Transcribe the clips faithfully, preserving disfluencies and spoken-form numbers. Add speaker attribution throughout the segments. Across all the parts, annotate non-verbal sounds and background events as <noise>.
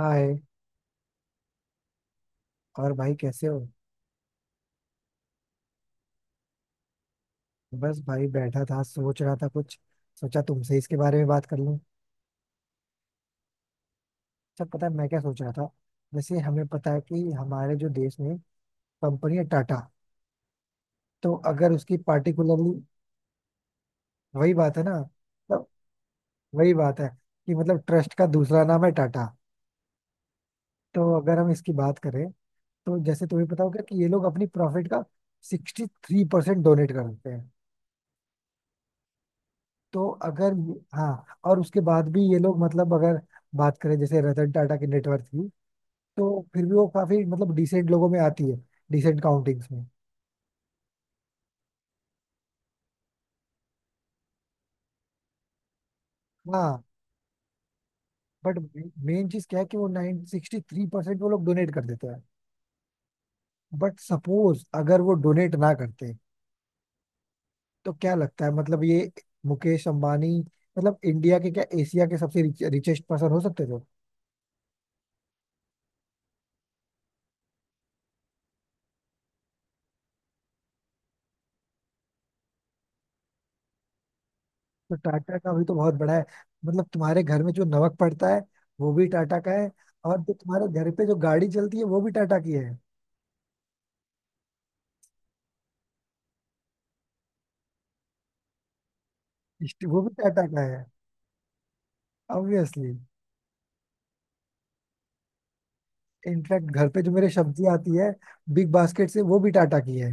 Speaker 1: हाय। और भाई कैसे हो? बस भाई बैठा था, सोच रहा था कुछ। सोचा तुमसे इसके बारे में बात कर लूं। अच्छा, पता है मैं क्या सोच रहा था? जैसे हमें पता है कि हमारे जो देश में कंपनी है टाटा। तो अगर उसकी पार्टिकुलरली, वही बात है ना। तो वही बात है कि मतलब ट्रस्ट का दूसरा नाम है टाटा। तो अगर हम इसकी बात करें, तो जैसे तुम्हें पता होगा कि ये लोग अपनी प्रॉफिट का सिक्सटी थ्री परसेंट डोनेट करते हैं। तो अगर, हाँ, और उसके बाद भी ये लोग मतलब अगर बात करें जैसे रतन टाटा की नेटवर्थ की, तो फिर भी वो काफी मतलब डिसेंट लोगों में आती है। डिसेंट काउंटिंग्स में। हाँ। बट मेन चीज क्या है कि वो नाइन सिक्सटी थ्री परसेंट वो लोग डोनेट कर देते हैं। बट सपोज अगर वो डोनेट ना करते, तो क्या लगता है मतलब ये मुकेश अंबानी मतलब इंडिया के, क्या एशिया के सबसे रिचेस्ट पर्सन हो सकते थे? तो टाटा का भी तो बहुत बड़ा है। मतलब तुम्हारे घर में जो नमक पड़ता है, वो भी टाटा का है। और जो तुम्हारे घर पे जो गाड़ी चलती है, वो भी टाटा की है। इस्ट- वो भी टाटा का है। ऑब्वियसली। इनफैक्ट घर पे जो मेरे सब्जी आती है बिग बास्केट से, वो भी टाटा की है।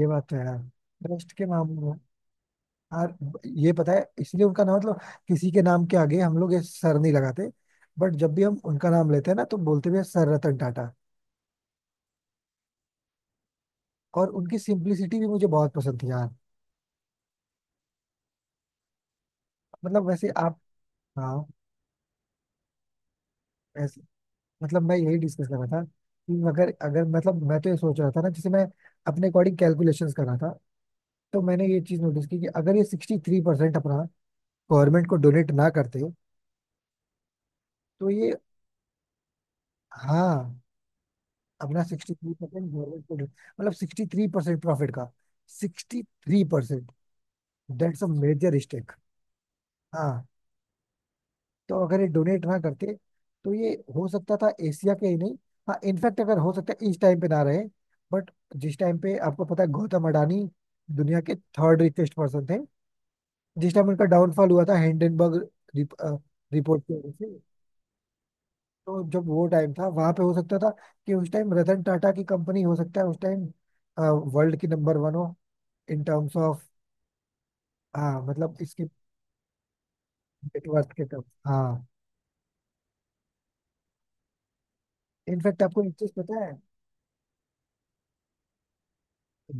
Speaker 1: ये बात तो है यार, ट्रस्ट के मामले में। यार, ये पता है, इसलिए उनका नाम मतलब किसी के नाम के आगे हम लोग ये सर नहीं लगाते, बट जब भी हम उनका नाम लेते हैं ना, तो बोलते भी हैं सर रतन टाटा। और उनकी सिंप्लिसिटी भी मुझे बहुत पसंद थी यार। मतलब वैसे आप, हाँ। मतलब मैं यही डिस्कस कर रहा था कि अगर अगर मतलब मैं तो ये सोच रहा था ना, जैसे मैं अपने अकॉर्डिंग कैलकुलेशंस कर रहा था, तो मैंने ये चीज नोटिस की कि अगर ये सिक्सटी थ्री परसेंट अपना गवर्नमेंट को डोनेट ना करते, तो ये, हाँ, अपना सिक्सटी थ्री परसेंट गवर्नमेंट को donate- मतलब सिक्सटी थ्री परसेंट, प्रॉफिट का sixty three percent. That's a major stake. हाँ, तो अगर ये डोनेट ना करते, तो ये हो सकता था एशिया के ही नहीं, हाँ, इनफैक्ट अगर हो सकता है इस टाइम पे ना रहे, बट जिस टाइम पे आपको पता है गौतम अडानी दुनिया के थर्ड रिचेस्ट पर्सन थे, जिस टाइम उनका डाउनफॉल हुआ था हिंडनबर्ग रिप, रिपोर्ट की वजह से, तो जब वो टाइम था वहां पे, हो सकता था कि उस टाइम रतन टाटा की कंपनी, हो सकता है उस टाइम वर्ल्ड की नंबर वन हो, इन टर्म्स ऑफ, हाँ, मतलब इसके नेटवर्थ के टर्म्स। हाँ। इनफैक्ट आपको एक चीज पता है,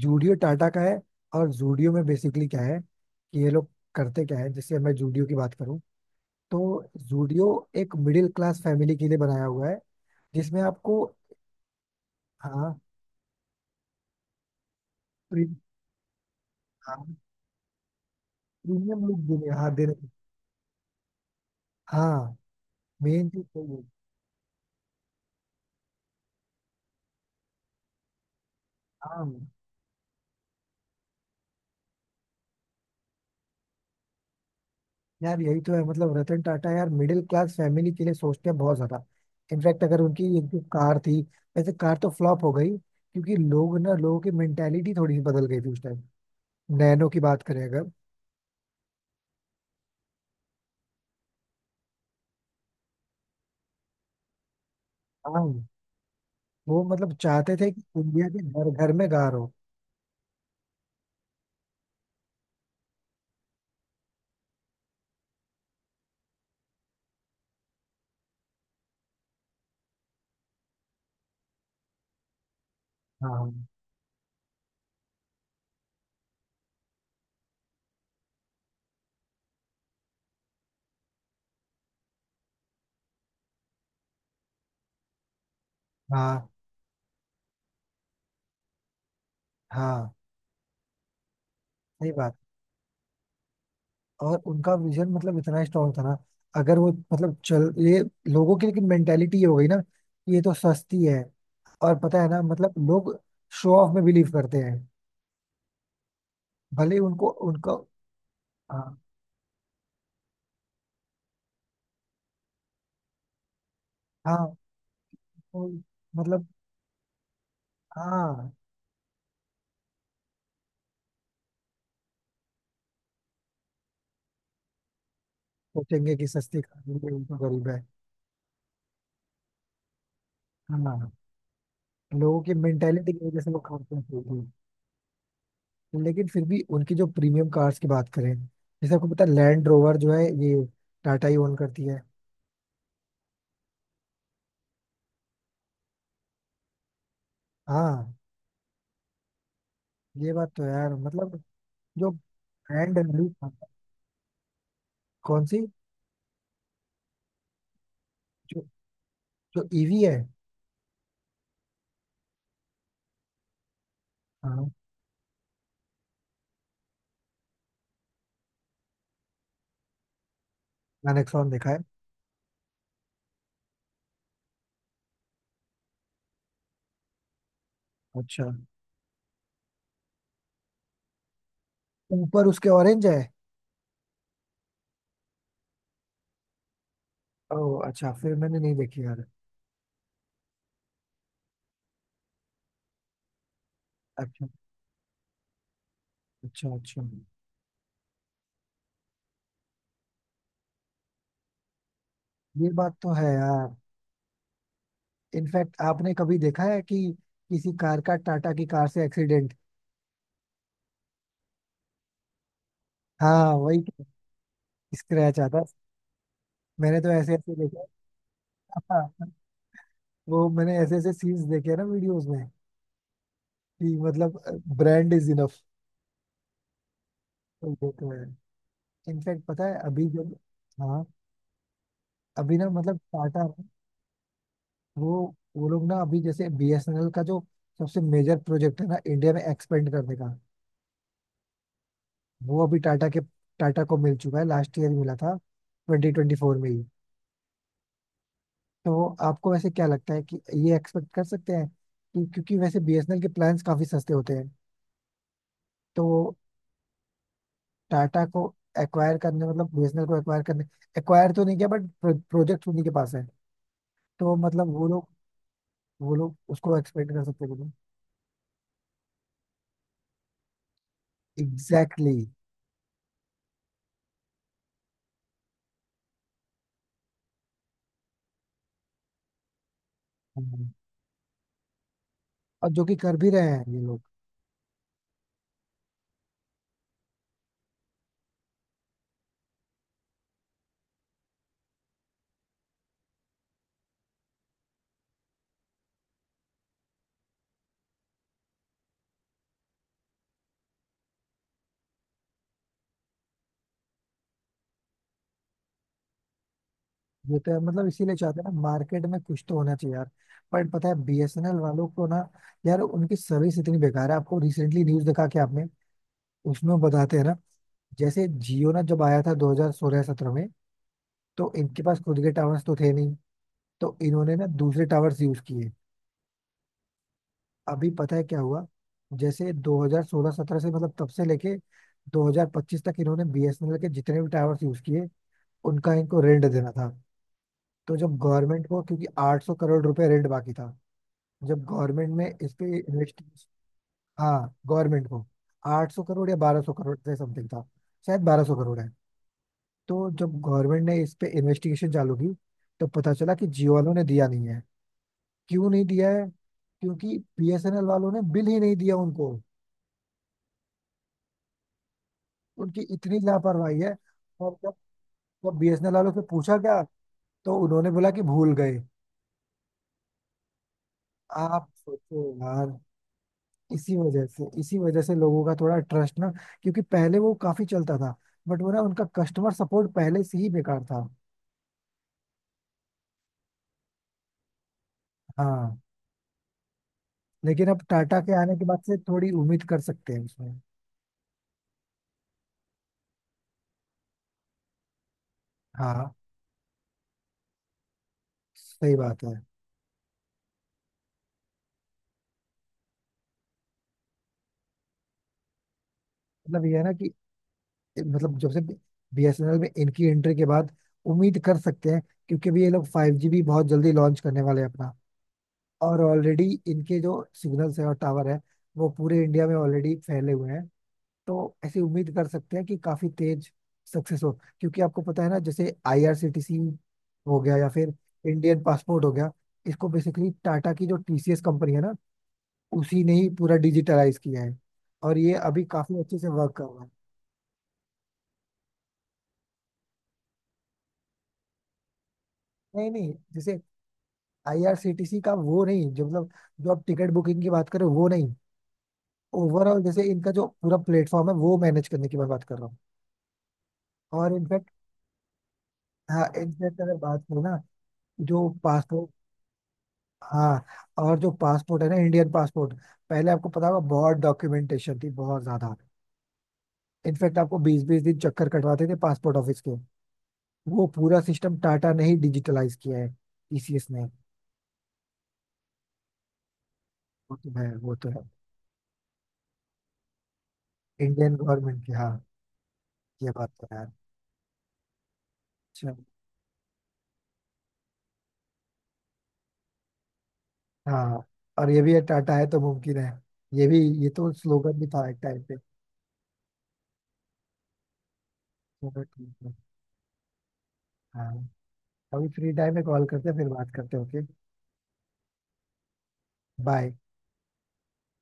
Speaker 1: जूडियो टाटा का है। और जूडियो में बेसिकली क्या है कि ये लोग करते क्या है, जैसे मैं जूडियो की बात करूं, तो जूडियो एक मिडिल क्लास फैमिली के लिए बनाया हुआ है, जिसमें आपको, हाँ, प्री, हाँ, प्रीमियम लुक देने, हाँ, देने, हाँ, मेन चीज तो ये, हाँ। यार, यही तो है, मतलब रतन टाटा यार मिडिल क्लास फैमिली के लिए सोचते हैं बहुत ज्यादा। इनफैक्ट अगर उनकी एक जो कार थी, वैसे कार तो फ्लॉप हो गई क्योंकि लोग ना लोगों की मेंटेलिटी थोड़ी सी बदल गई थी उस टाइम। नैनो की बात करें अगर, हाँ, वो मतलब चाहते थे कि इंडिया के घर घर में गार हो। हाँ, हाँ, हाँ, सही बात। और उनका विजन मतलब इतना स्ट्रांग था ना। अगर वो मतलब चल ये, लोगों की लेकिन मेंटेलिटी ये हो गई ना कि ये तो सस्ती है। और पता है ना मतलब लोग शो ऑफ में बिलीव करते हैं, भले ही उनको उनका, हाँ, हाँ, वो मतलब, हाँ, सोचेंगे कि सस्ती खा रही है, उनको गरीब है। हाँ, लोगों की मेंटेलिटी की वजह से वो खाते हैं। लेकिन फिर भी उनकी जो प्रीमियम कार्स की बात करें, जैसे आपको पता है लैंड रोवर जो है ये टाटा ही ओन करती है। हाँ। ये बात तो है यार, मतलब जो ब्रांड है, मतलब, कौन सी? जो, जो ईवी है? हाँ, मैंने Nexon देखा है। अच्छा, ऊपर उसके ऑरेंज है? ओह अच्छा, फिर मैंने नहीं देखी यार। अच्छा, अच्छा, अच्छा। ये बात तो है यार। इनफैक्ट आपने कभी देखा है कि किसी कार का टाटा की कार से एक्सीडेंट? हाँ, वही तो, स्क्रैच आता है। मैंने तो ऐसे ऐसे देखा है। <laughs> वो मैंने ऐसे ऐसे सीन्स देखे हैं ना वीडियोस में, कि मतलब ब्रांड इज इनफ। वो तो है। इनफैक्ट पता है अभी जब, हाँ, अभी ना मतलब टाटा, वो वो लोग ना अभी जैसे बीएसएनएल का जो सबसे मेजर प्रोजेक्ट है ना इंडिया में एक्सपेंड करने का, वो अभी टाटा के टाटा को मिल चुका है, लास्ट ईयर ही मिला था, ट्वेंटी ट्वेंटी फोर में ही। तो आपको वैसे क्या लगता है कि ये एक्सपेक्ट कर सकते हैं, कि क्योंकि वैसे बीएसएनएल के प्लान्स काफी सस्ते होते हैं, तो टाटा को एक्वायर करने, मतलब बीएसएनएल को एक्वायर करने, एक्वायर तो नहीं किया, बट प्रोजेक्ट उन्हीं के पास है, तो मतलब वो लोग वो लोग उसको एक्सपेक्ट कर सकते हैं। Exactly exactly. और जो कि कर भी रहे हैं ये लोग। ये तो है, मतलब इसीलिए चाहते हैं ना, मार्केट में कुछ तो होना चाहिए यार। बट पता है बीएसएनएल वालों को ना यार, उनकी सर्विस इतनी बेकार है। आपको रिसेंटली न्यूज देखा कि आपने? उसमें बताते हैं ना, जैसे जियो ना जब आया था दो हज़ार सोलह-सत्रह में, तो इनके पास खुद के टावर्स तो थे नहीं, तो इन्होंने ना दूसरे टावर्स यूज किए। अभी पता है क्या हुआ, जैसे दो हज़ार सोलह-सत्रह से मतलब तब से लेके दो हज़ार पच्चीस तक इन्होंने बीएसएनएल के जितने भी टावर्स यूज किए, उनका इनको रेंट देना था। तो जब गवर्नमेंट को, क्योंकि आठ सौ करोड़ रुपए रेंट बाकी था, जब गवर्नमेंट में इस पे इन्वेस्ट, हाँ, गवर्नमेंट को आठ सौ करोड़ या बारह सौ करोड़ से समथिंग था, शायद बारह सौ करोड़ है। तो जब गवर्नमेंट ने इस पे इन्वेस्टिगेशन चालू की, तो पता चला कि जियो वालों ने दिया नहीं है। क्यों नहीं दिया है? क्योंकि बीएसएनएल वालों ने बिल ही नहीं दिया उनको। उनकी इतनी लापरवाही है। और जब, जब बीएसएनएल वालों से पूछा क्या, तो उन्होंने बोला कि भूल गए। आप सोचो यार। इसी वजह से, इसी वजह से लोगों का थोड़ा ट्रस्ट ना, क्योंकि पहले वो काफी चलता था, बट वो ना, उनका कस्टमर सपोर्ट पहले से ही बेकार था। हाँ, लेकिन अब टाटा के आने के बाद से थोड़ी उम्मीद कर सकते हैं उसमें। हाँ, सही बात है। मतलब ये है ना कि, मतलब जब से बीएसएनएल में इनकी एंट्री के बाद, उम्मीद कर सकते हैं, क्योंकि अभी ये लोग फाइव जी भी बहुत जल्दी लॉन्च करने वाले हैं अपना। और ऑलरेडी इनके जो सिग्नल्स है और टावर है, वो पूरे इंडिया में ऑलरेडी फैले हुए हैं, तो ऐसी उम्मीद कर सकते हैं कि काफी तेज सक्सेस हो। क्योंकि आपको पता है ना जैसे आईआरसीटीसी हो गया, या फिर इंडियन पासपोर्ट हो गया, इसको बेसिकली टाटा की जो टीसीएस कंपनी है ना, उसी ने ही पूरा डिजिटलाइज किया है, और ये अभी काफी अच्छे से वर्क कर रहा है। नहीं, नहीं, जैसे आईआरसीटीसी का वो नहीं, जो मतलब जो आप टिकट बुकिंग की बात करें, वो नहीं। ओवरऑल जैसे इनका जो पूरा प्लेटफॉर्म है वो मैनेज करने की मैं बात कर रहा हूँ। और इनफैक्ट, हाँ, इनफैक्ट अगर बात करें ना, जो पासपोर्ट, हाँ, और जो पासपोर्ट है ना, इंडियन पासपोर्ट, पहले आपको पता होगा बहुत डॉक्यूमेंटेशन थी बहुत ज्यादा। इनफैक्ट आपको बीस बीस दिन चक्कर कटवाते थे पासपोर्ट ऑफिस के। वो पूरा सिस्टम टाटा ने ही डिजिटलाइज किया है, टीसीएस ने। वो तो है, वो तो है। इंडियन गवर्नमेंट की, हाँ। ये बात तो है। अच्छा। हाँ, और ये भी है, टाटा है तो मुमकिन है। ये भी, ये तो स्लोगन भी था एक टाइम पे। चलो ठीक है। हाँ, अभी फ्री टाइम में कॉल करते हैं, फिर बात करते हैं। ओके। बाय।